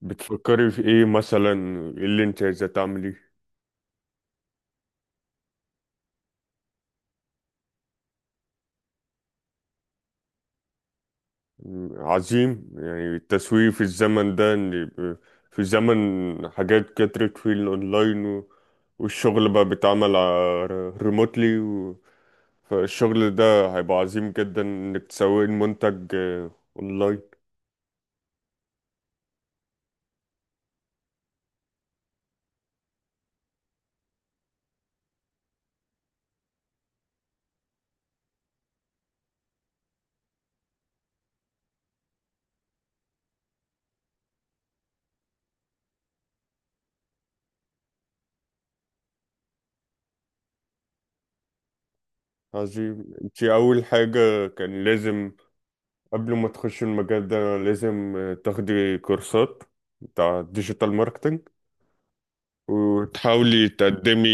بتفكري في ايه مثلا؟ ايه اللي انت عايزة تعملي؟ عظيم. يعني التسويق في الزمن ده ان يبقى في زمن، حاجات كترت في الاونلاين والشغل بقى بيتعمل ريموتلي. فالشغل ده هيبقى عظيم جدا انك تسوقي المنتج اونلاين. عظيم. انت اول حاجة كان لازم، قبل ما تخش المجال ده، لازم تاخدي كورسات بتاع ديجيتال ماركتنج، وتحاولي تقدمي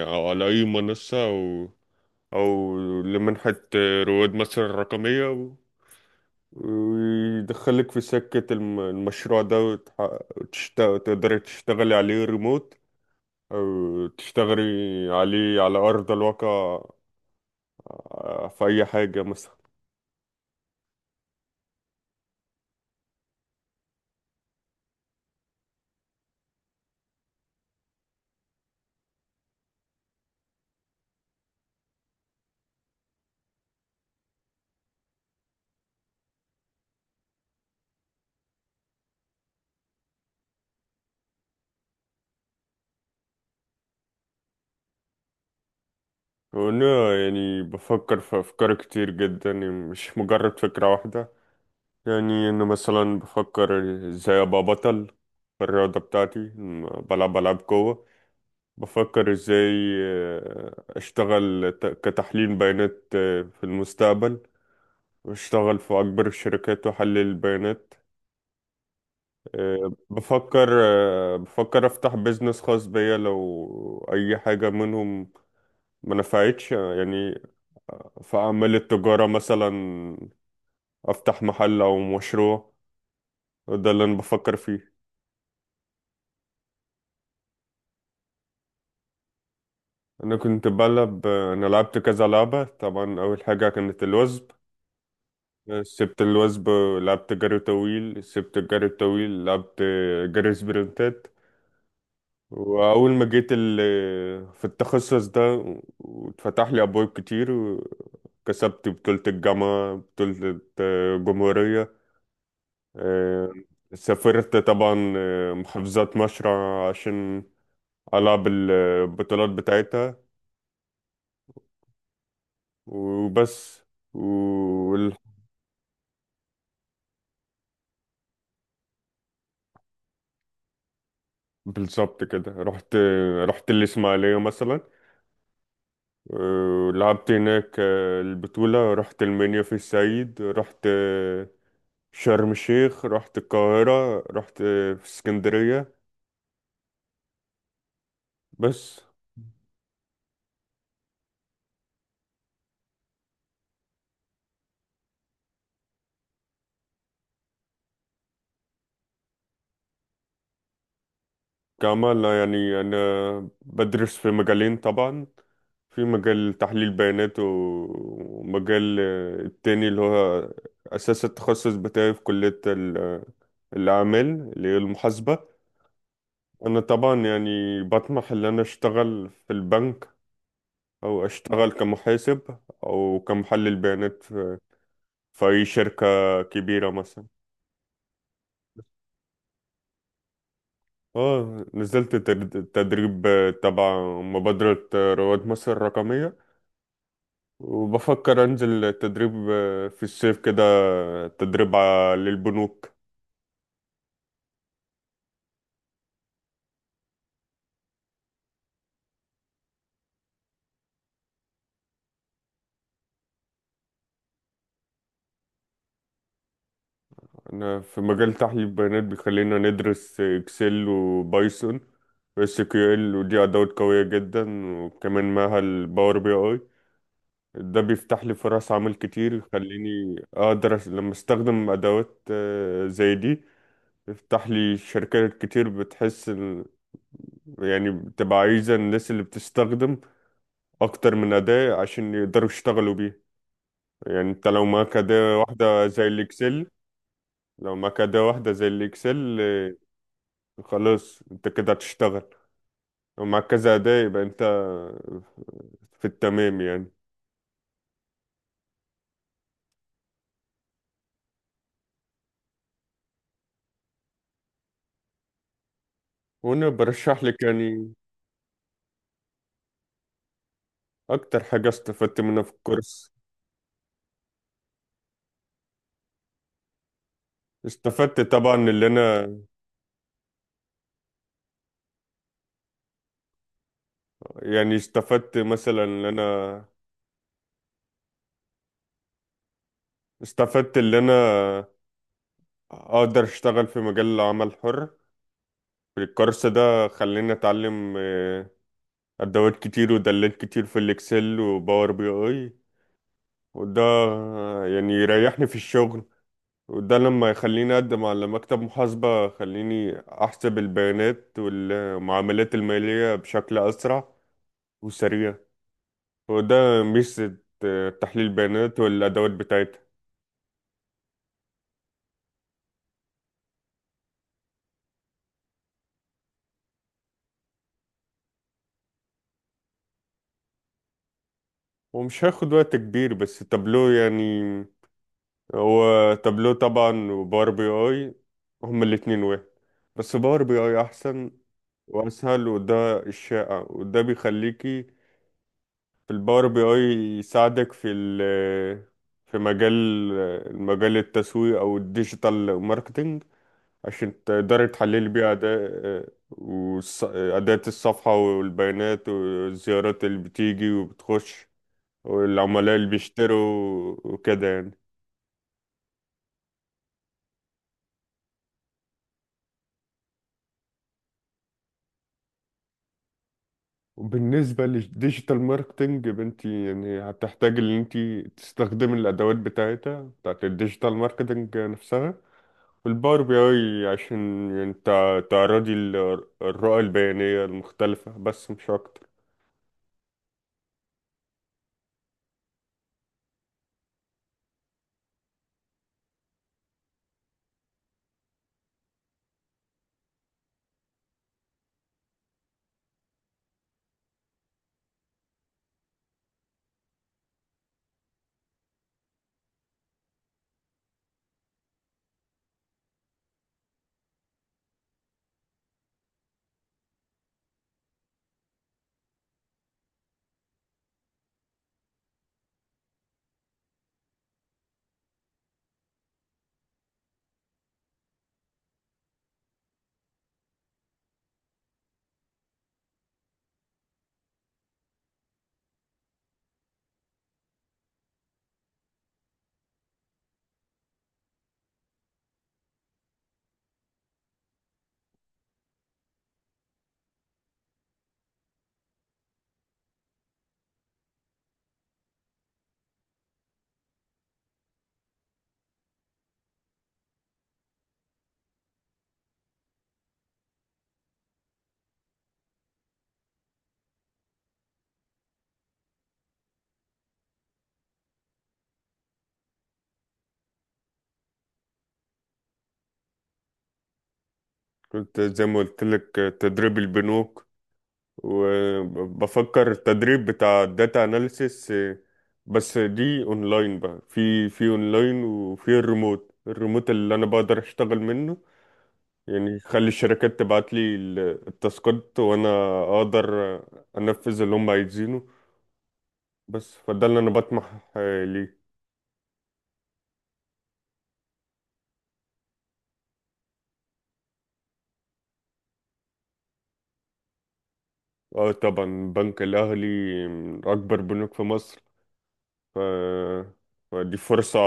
على أي منصة، أو لمنحة رواد مصر الرقمية، ويدخلك في سكة المشروع ده، وتقدري تشتغلي عليه ريموت، أو تشتغلي عليه على أرض الواقع، في أي حاجة مثلا. وأنا يعني بفكر في أفكار كتير جدا، يعني مش مجرد فكرة واحدة. يعني انه مثلا بفكر ازاي ابقى بطل في الرياضة بتاعتي، بلعب العاب قوة. بفكر ازاي اشتغل كتحليل بيانات في المستقبل، واشتغل في اكبر الشركات واحلل البيانات. بفكر افتح بيزنس خاص بيا لو اي حاجة منهم ما نفعتش، يعني في اعمال التجارة، مثلا افتح محل او مشروع، وده اللي انا بفكر فيه. انا كنت بلعب انا لعبت كذا لعبة. طبعا اول حاجة كانت الوزب، سبت الوزب، لعبت جري طويل، سبت الجري الطويل، لعبت جري سبرنتات. واول ما جيت في التخصص ده، واتفتح لي ابواب كتير، وكسبت بطولة الجامعة، بطولة الجمهورية. آه، سافرت طبعا محافظات مشرع عشان ألعب البطولات بتاعتها، وبس. بالظبط كده. رحت الإسماعيلية مثلا. لعبت هناك البطولة. رحت المنيا في الصعيد. رحت شرم الشيخ، رحت القاهرة، رحت في اسكندرية، بس. كمان يعني أنا بدرس في مجالين طبعا: في مجال تحليل بيانات، ومجال التاني اللي هو أساس التخصص بتاعي في كلية الأعمال، اللي هي المحاسبة. أنا طبعا يعني بطمح إن أنا أشتغل في البنك، أو أشتغل كمحاسب، أو كمحلل بيانات في أي شركة كبيرة مثلا. اه، نزلت تدريب تبع مبادرة رواد مصر الرقمية، وبفكر أنزل تدريب في الصيف كده، تدريب للبنوك. أنا في مجال تحليل البيانات بيخلينا ندرس إكسل وبايثون، SQL، ودي ادوات قويه جدا. وكمان معاها الباور بي اي، ده بيفتح لي فرص عمل كتير، يخليني اقدر لما استخدم ادوات زي دي، يفتح لي شركات كتير بتحس يعني بتبقى عايزة الناس اللي بتستخدم اكتر من اداة عشان يقدروا يشتغلوا بيها. يعني انت لو معاك اداة واحدة زي الاكسل، لو معاك اداة واحدة زي الاكسل آه، خلاص انت كده هتشتغل. لو معاك كذا اداة يبقى انت في التمام يعني. وانا برشح لك يعني. أكتر حاجة استفدت منها في الكورس، استفدت طبعا اللي أنا يعني استفدت مثلا اللي أنا استفدت اللي أنا أقدر أشتغل في مجال العمل الحر. في الكورس ده خليني أتعلم أدوات كتير ودلات كتير في الإكسل وباور بي أي. وده يعني يريحني في الشغل. وده لما يخليني أقدم على مكتب محاسبة، خليني أحسب البيانات والمعاملات المالية بشكل أسرع وسريع. وده ميزة تحليل البيانات والأدوات بتاعتها. ومش هياخد وقت كبير بس تابلو يعني. هو تابلو طبعا وباور بي اي هما الاتنين واحد، بس باور بي اي أحسن وأسهل، وده الشائع، وده بيخليكي في الباور بي اي يساعدك في ال في مجال المجال التسويق أو الديجيتال ماركتينج، عشان تقدري تحللي بيه أداء وأداة الصفحة والبيانات والزيارات اللي بتيجي وبتخش، والعملاء اللي بيشتروا، وكده يعني. وبالنسبة للديجيتال ماركتنج يا بنتي، يعني هتحتاج إن أنت تستخدمي الأدوات بتاعتها بتاعت الديجيتال ماركتنج نفسها، والباور بي أي، عشان يعني تعرضي الرؤى البيانية المختلفة، بس مش أكتر. كنت زي ما قلت لك، تدريب البنوك، وبفكر التدريب بتاع الداتا اناليسيس. بس دي اونلاين بقى، في اونلاين، وفي الريموت اللي انا بقدر اشتغل منه، يعني يخلي الشركات تبعت لي التاسكات، وانا اقدر انفذ اللي هم عايزينه. بس فده اللي انا بطمح ليه. اه طبعا، بنك الاهلي من اكبر بنوك في مصر. ف... فدي فرصة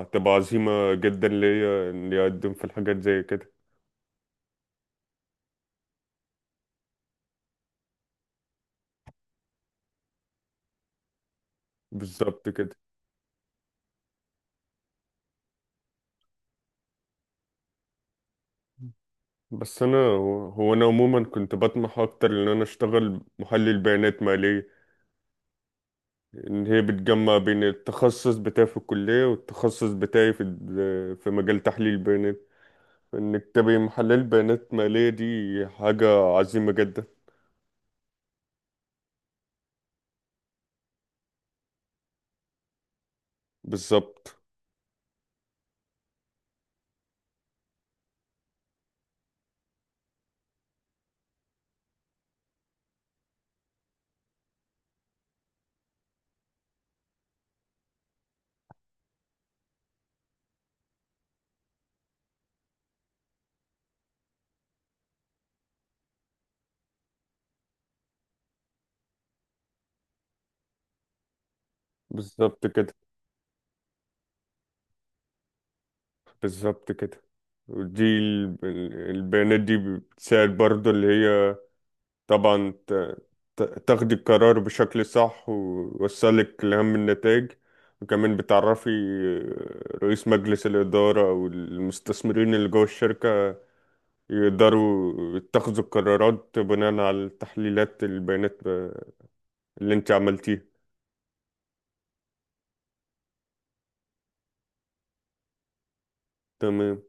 هتبقى عظيمة جدا ليا اني اقدم في الحاجات زي كده. بالظبط كده. بس انا هو انا عموما كنت بطمح اكتر ان انا اشتغل محلل بيانات مالية. ان هي بتجمع بين التخصص بتاعي في الكلية، والتخصص بتاعي في في مجال تحليل البيانات. انك تبقى محلل بيانات مالية، دي حاجة عظيمة جدا. بالظبط. بالظبط كده. بالظبط كده. ودي البيانات دي بتساعد برضه اللي هي طبعا تاخدي القرار بشكل صح، ويوصلك لأهم النتائج. وكمان بتعرفي رئيس مجلس الإدارة أو المستثمرين اللي جوه الشركة، يقدروا يتخذوا القرارات بناء على تحليلات البيانات اللي انت عملتيها. تمام.